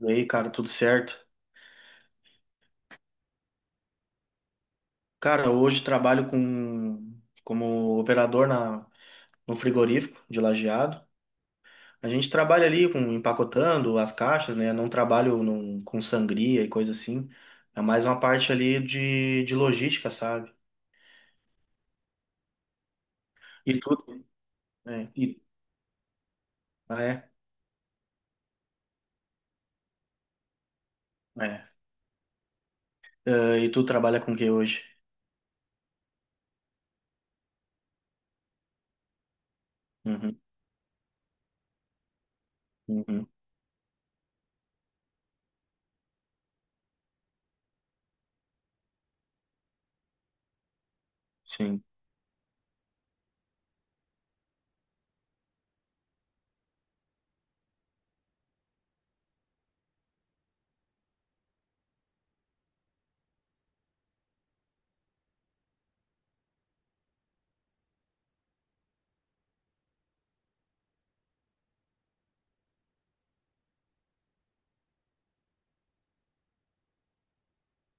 E aí, cara, tudo certo? Cara, hoje trabalho como operador na no frigorífico de Lajeado. A gente trabalha ali com empacotando as caixas, né? Não com sangria e coisa assim. É mais uma parte ali de logística, sabe? E tudo, né? Ah, é, é. Ah, e tu trabalha com o que hoje? Uhum, uhum, sim.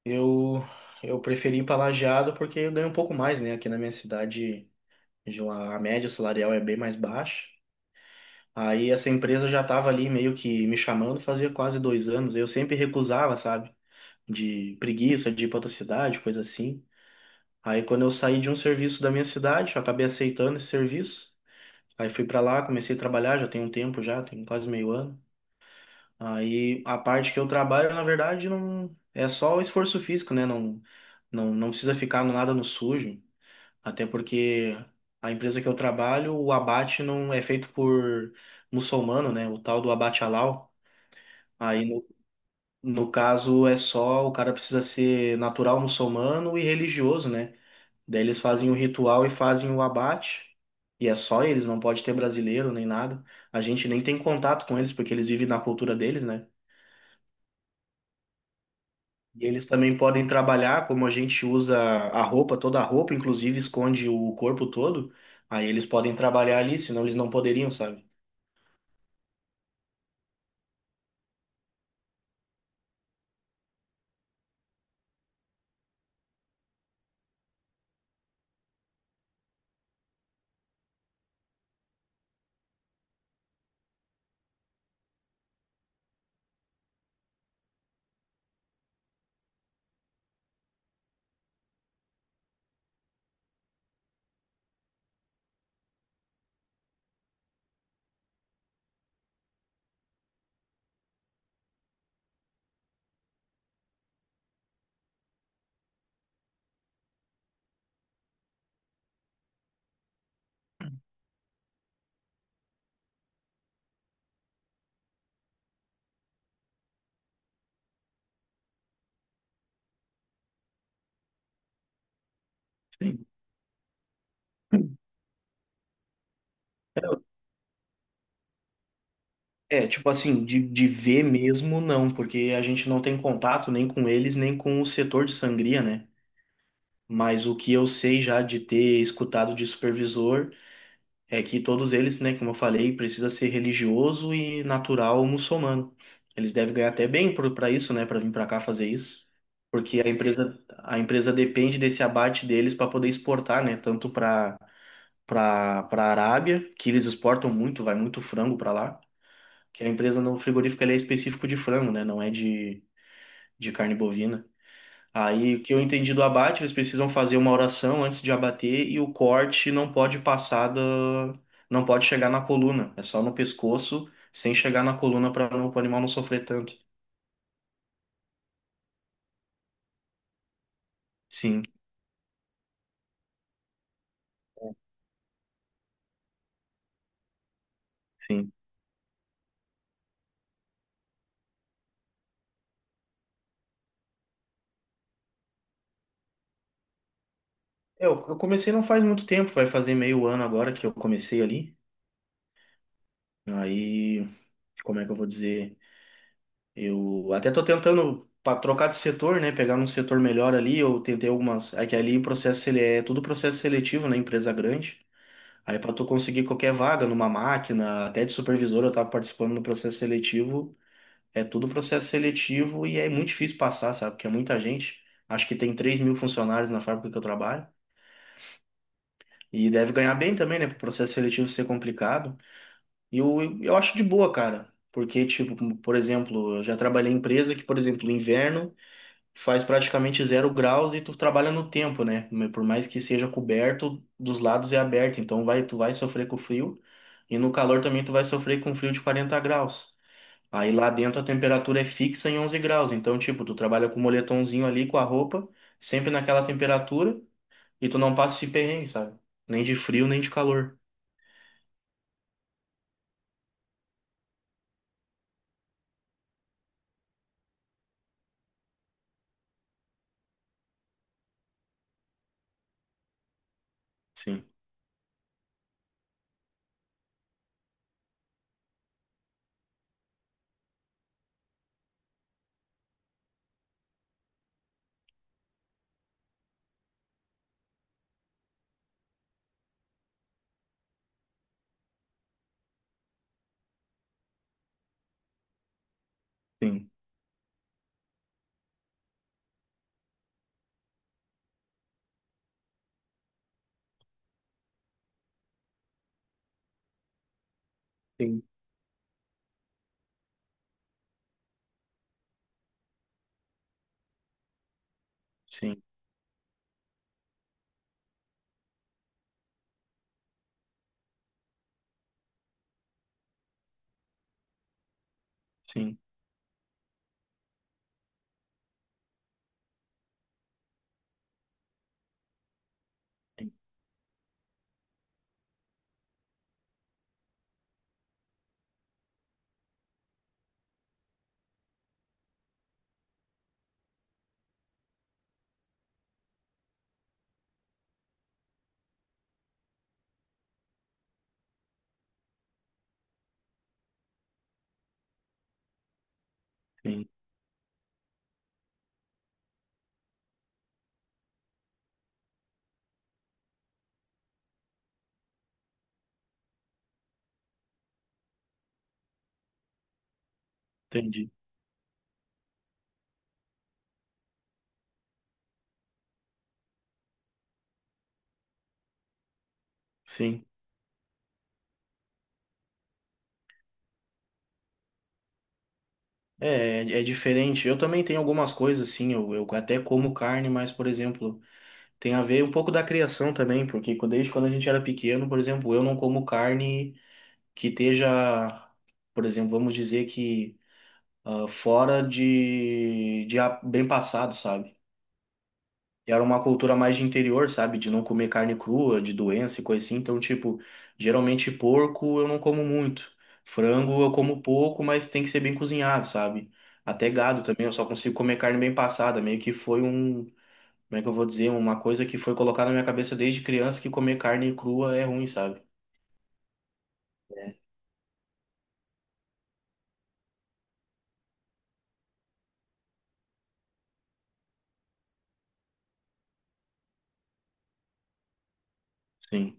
Eu eu preferi ir para Lajeado porque eu ganho um pouco mais, né? Aqui na minha cidade, a média salarial é bem mais baixa. Aí essa empresa já estava ali meio que me chamando fazia quase dois anos. Eu sempre recusava, sabe? De preguiça, de ir pra outra cidade, coisa assim. Aí quando eu saí de um serviço da minha cidade, eu acabei aceitando esse serviço. Aí fui pra lá, comecei a trabalhar, já tem um tempo já, tem quase meio ano. Aí a parte que eu trabalho, na verdade, não é só o esforço físico, né? Não, não, não precisa ficar no nada no sujo. Até porque a empresa que eu trabalho, o abate não é feito por muçulmano, né? O tal do abate halal. Aí, no, no caso, é só o cara precisa ser natural muçulmano e religioso, né? Daí eles fazem o ritual e fazem o abate. E é só eles, não pode ter brasileiro nem nada. A gente nem tem contato com eles, porque eles vivem na cultura deles, né? E eles também podem trabalhar, como a gente usa a roupa, toda a roupa, inclusive esconde o corpo todo. Aí eles podem trabalhar ali, senão eles não poderiam, sabe? Sim. É, tipo assim, de ver mesmo não, porque a gente não tem contato nem com eles, nem com o setor de sangria, né? Mas o que eu sei já de ter escutado de supervisor é que todos eles, né, como eu falei, precisa ser religioso e natural muçulmano. Eles devem ganhar pra isso, né? Pra vir pra cá fazer isso, porque a empresa depende desse abate deles para poder exportar, né, tanto pra para Arábia, que eles exportam muito, vai muito frango pra lá, que a empresa, no frigorífico, ele é específico de frango, né? Não é de carne bovina. Aí, o que eu entendi do abate, eles precisam fazer uma oração antes de abater e o corte não pode chegar na coluna. É só no pescoço, sem chegar na coluna para o animal não sofrer tanto. Sim, sim. Eu comecei não faz muito tempo, vai fazer meio ano agora que eu comecei ali. Aí, como é que eu vou dizer? Eu até tô tentando para trocar de setor, né? Pegar um setor melhor ali. Eu tentei algumas. É que ali o processo ele é tudo processo seletivo, né? Empresa grande. Aí para tu conseguir qualquer vaga numa máquina, até de supervisor, eu tava participando do processo seletivo. É tudo processo seletivo e é muito difícil passar, sabe? Porque é muita gente. Acho que tem 3 mil funcionários na fábrica que eu trabalho. E deve ganhar bem também, né? Pro processo seletivo ser complicado. E eu acho de boa, cara. Porque, tipo, por exemplo, eu já trabalhei em empresa que, por exemplo, no inverno faz praticamente zero graus e tu trabalha no tempo, né? Por mais que seja coberto, dos lados é aberto, então vai, tu vai sofrer com frio, e no calor também tu vai sofrer com frio de 40 graus. Aí lá dentro a temperatura é fixa em 11 graus, então tipo, tu trabalha com o moletomzinho ali, com a roupa, sempre naquela temperatura e tu não passa esse perrengue, sabe? Nem de frio, nem de calor. Sim, sim, sim, sim, sim, sim, entendi. Sim. É, é diferente. Eu também tenho algumas coisas, assim, eu até como carne, mas, por exemplo, tem a ver um pouco da criação também, porque desde quando a gente era pequeno, por exemplo, eu não como carne que esteja, por exemplo, vamos dizer que, ah, fora bem passado, sabe? E era uma cultura mais de interior, sabe? De não comer carne crua, de doença e coisa assim. Então, tipo, geralmente porco eu não como muito. Frango eu como pouco, mas tem que ser bem cozinhado, sabe? Até gado também, eu só consigo comer carne bem passada. Meio que foi um, como é que eu vou dizer? Uma coisa que foi colocada na minha cabeça desde criança que comer carne crua é ruim, sabe? Sim,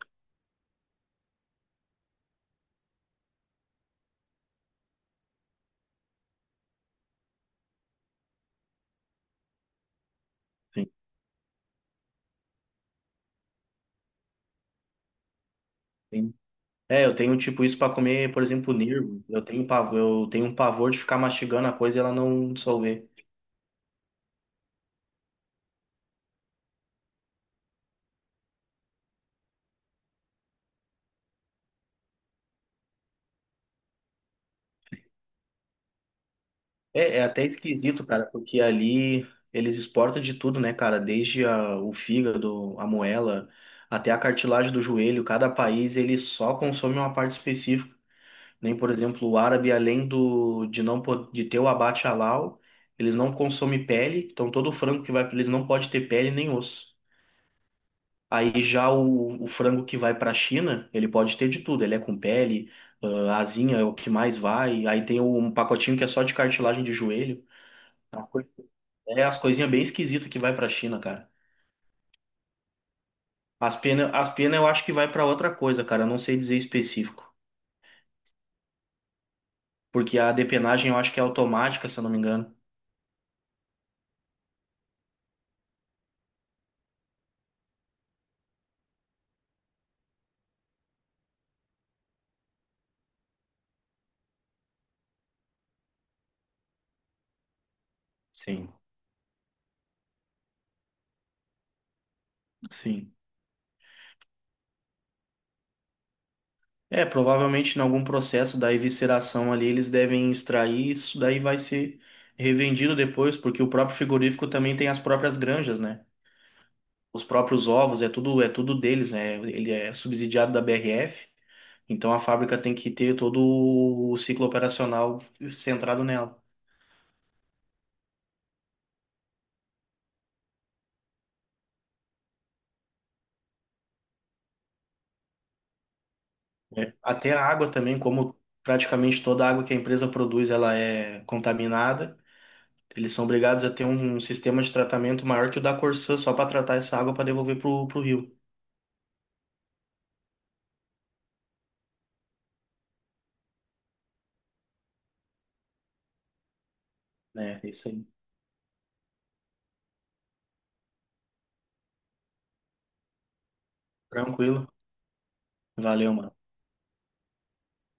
sim, sim. É, eu tenho tipo isso pra comer, por exemplo, nervo. Eu tenho pavor, eu tenho um pavor de ficar mastigando a coisa e ela não dissolver. É, é até esquisito, cara, porque ali eles exportam de tudo, né, cara? Desde o fígado, a moela, até a cartilagem do joelho. Cada país ele só consome uma parte específica. Nem, por exemplo, o árabe, além do de não po- de ter o abate halal, eles não consomem pele. Então todo frango que vai para eles não pode ter pele nem osso. Aí já o frango que vai para a China, ele pode ter de tudo. Ele é com pele, ah, asinha é o que mais vai. Aí tem um pacotinho que é só de cartilagem de joelho. É as coisinhas bem esquisitas que vai pra China, cara. As penas, as pena eu acho que vai pra outra coisa, cara. Eu não sei dizer específico. Porque a depenagem eu acho que é automática, se eu não me engano. Sim, sim. É, provavelmente em algum processo da evisceração ali eles devem extrair isso, daí vai ser revendido depois, porque o próprio frigorífico também tem as próprias granjas, né? Os próprios ovos, é tudo deles, né? Ele é subsidiado da BRF, então a fábrica tem que ter todo o ciclo operacional centrado nela. É, até a água também, como praticamente toda a água que a empresa produz, ela é contaminada. Eles são obrigados a ter um sistema de tratamento maior que o da Corsã só para tratar essa água para devolver pro rio, né? É isso aí. Tranquilo. Valeu, mano.